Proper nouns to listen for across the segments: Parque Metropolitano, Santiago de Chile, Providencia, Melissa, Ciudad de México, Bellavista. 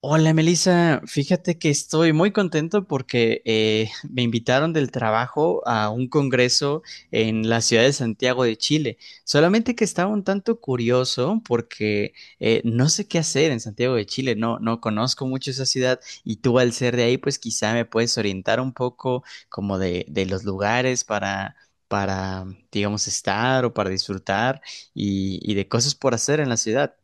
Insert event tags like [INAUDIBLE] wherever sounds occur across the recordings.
Hola Melissa, fíjate que estoy muy contento porque me invitaron del trabajo a un congreso en la ciudad de Santiago de Chile. Solamente que estaba un tanto curioso porque no sé qué hacer en Santiago de Chile, no, no conozco mucho esa ciudad y tú al ser de ahí, pues quizá me puedes orientar un poco como de los lugares para, digamos, estar o para disfrutar y y, de cosas por hacer en la ciudad.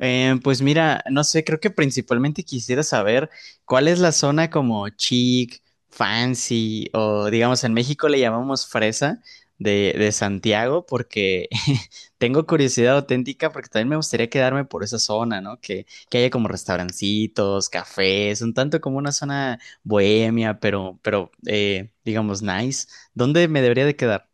Pues mira, no sé, creo que principalmente quisiera saber cuál es la zona como chic, fancy o digamos en México le llamamos fresa de Santiago porque [LAUGHS] tengo curiosidad auténtica porque también me gustaría quedarme por esa zona, ¿no? Que haya como restaurancitos, cafés, un tanto como una zona bohemia, pero digamos nice. ¿Dónde me debería de quedar?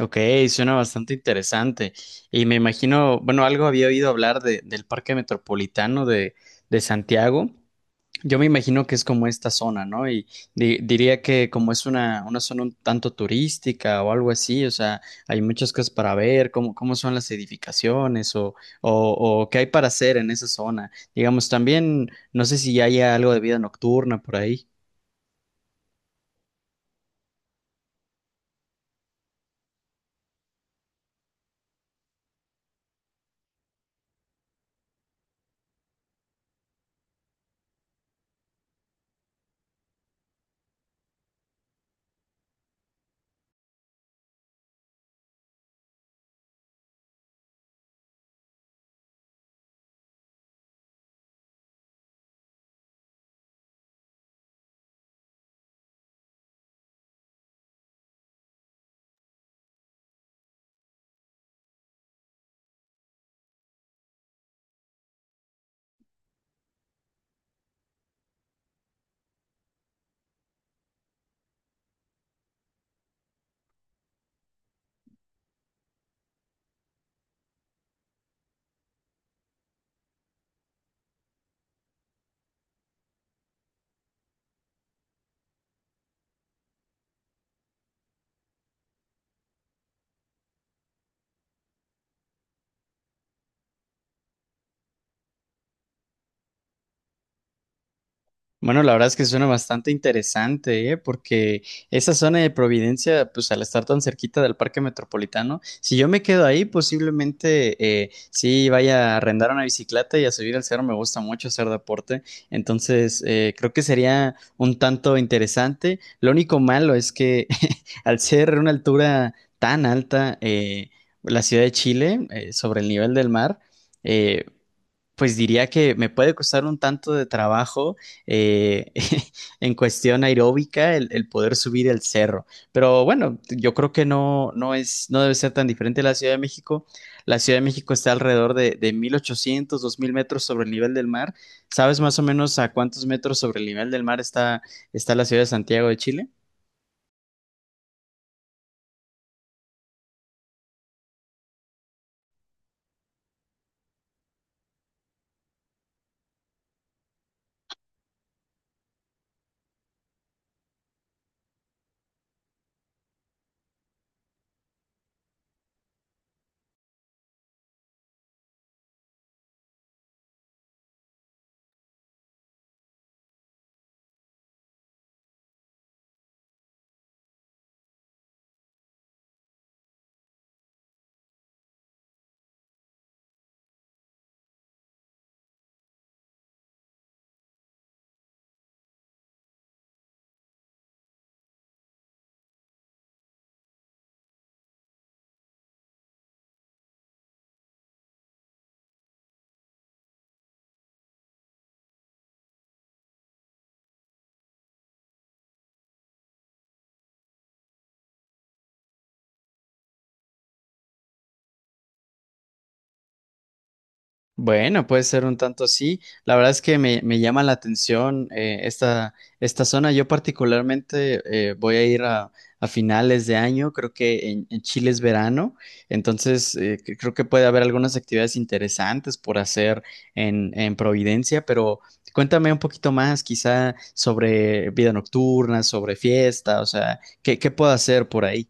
Ok, suena bastante interesante. Y me imagino, bueno, algo había oído hablar del Parque Metropolitano de Santiago. Yo me imagino que es como esta zona, ¿no? Y diría que como es una zona un tanto turística o algo así, o sea, hay muchas cosas para ver, cómo son las edificaciones o qué hay para hacer en esa zona. Digamos, también, no sé si haya algo de vida nocturna por ahí. Bueno, la verdad es que suena bastante interesante, ¿eh? Porque esa zona de Providencia, pues al estar tan cerquita del Parque Metropolitano, si yo me quedo ahí, posiblemente sí vaya a arrendar una bicicleta y a subir al cerro. Me gusta mucho hacer deporte, entonces creo que sería un tanto interesante. Lo único malo es que [LAUGHS] al ser una altura tan alta, la ciudad de Chile, sobre el nivel del mar, eh, pues diría que me puede costar un tanto de trabajo eh, [LAUGHS] en cuestión aeróbica el poder subir el cerro. Pero bueno, yo creo que no, no es, no debe ser tan diferente la Ciudad de México. La Ciudad de México está alrededor de 1800 2000 metros sobre el nivel del mar. ¿Sabes más o menos a cuántos metros sobre el nivel del mar está, está la ciudad de Santiago de Chile? Bueno, puede ser un tanto así. La verdad es que me llama la atención esta, esta zona. Yo particularmente voy a ir a finales de año, creo que en Chile es verano, entonces creo que puede haber algunas actividades interesantes por hacer en Providencia, pero cuéntame un poquito más quizá sobre vida nocturna, sobre fiesta, o sea, qué puedo hacer por ahí?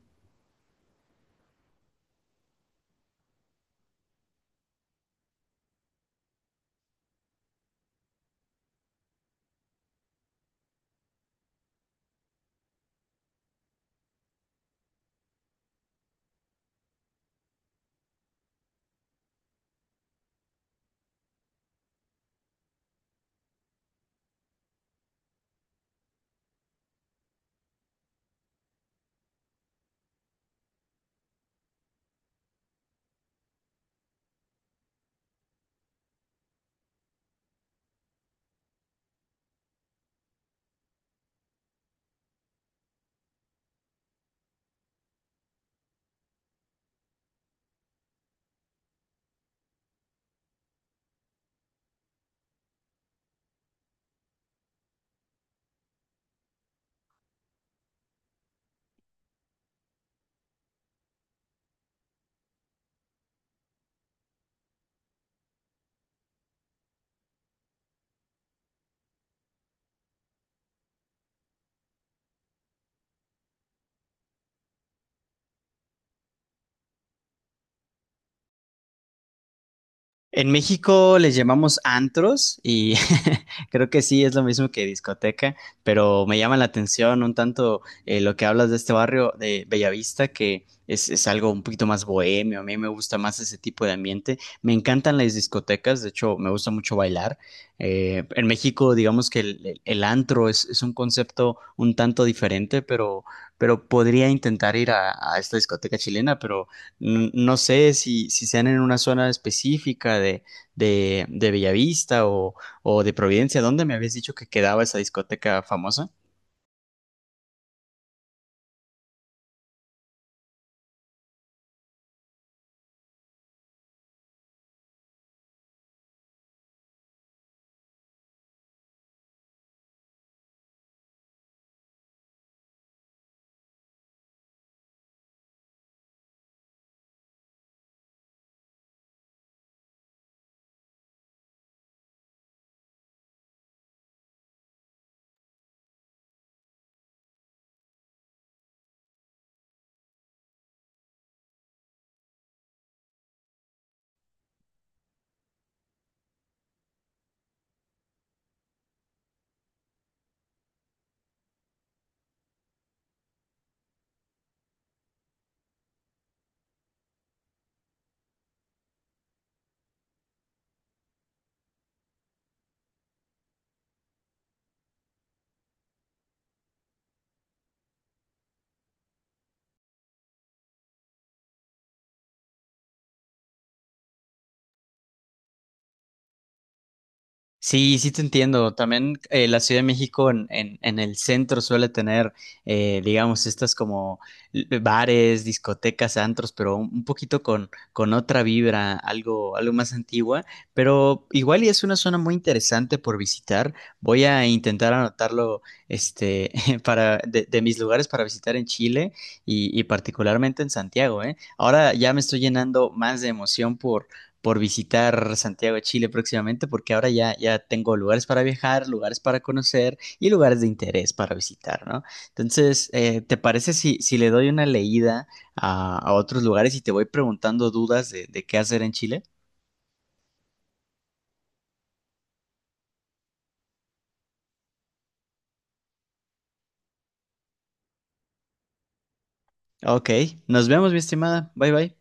En México les llamamos antros y [LAUGHS] creo que sí es lo mismo que discoteca, pero me llama la atención un tanto lo que hablas de este barrio de Bellavista, es algo un poquito más bohemio, a mí me gusta más ese tipo de ambiente, me encantan las discotecas, de hecho me gusta mucho bailar. En México digamos que el antro es un concepto un tanto diferente, pero podría intentar ir a esta discoteca chilena, pero... No sé si, si sean en una zona específica de Bellavista o de Providencia. ¿Dónde me habías dicho que quedaba esa discoteca famosa? Sí, sí te entiendo. También la Ciudad de México en el centro suele tener, digamos, estas como bares, discotecas, antros, pero un poquito con otra vibra, algo más antigua. Pero igual y es una zona muy interesante por visitar. Voy a intentar anotarlo, este, [LAUGHS] para de mis lugares para visitar en Chile y particularmente en Santiago, ¿eh? Ahora ya me estoy llenando más de emoción por visitar Santiago de Chile próximamente, porque ahora ya tengo lugares para viajar, lugares para conocer y lugares de interés para visitar, ¿no? Entonces, ¿te parece si le doy una leída a otros lugares y te voy preguntando dudas de qué hacer en Chile? Ok, nos vemos, mi estimada. Bye bye.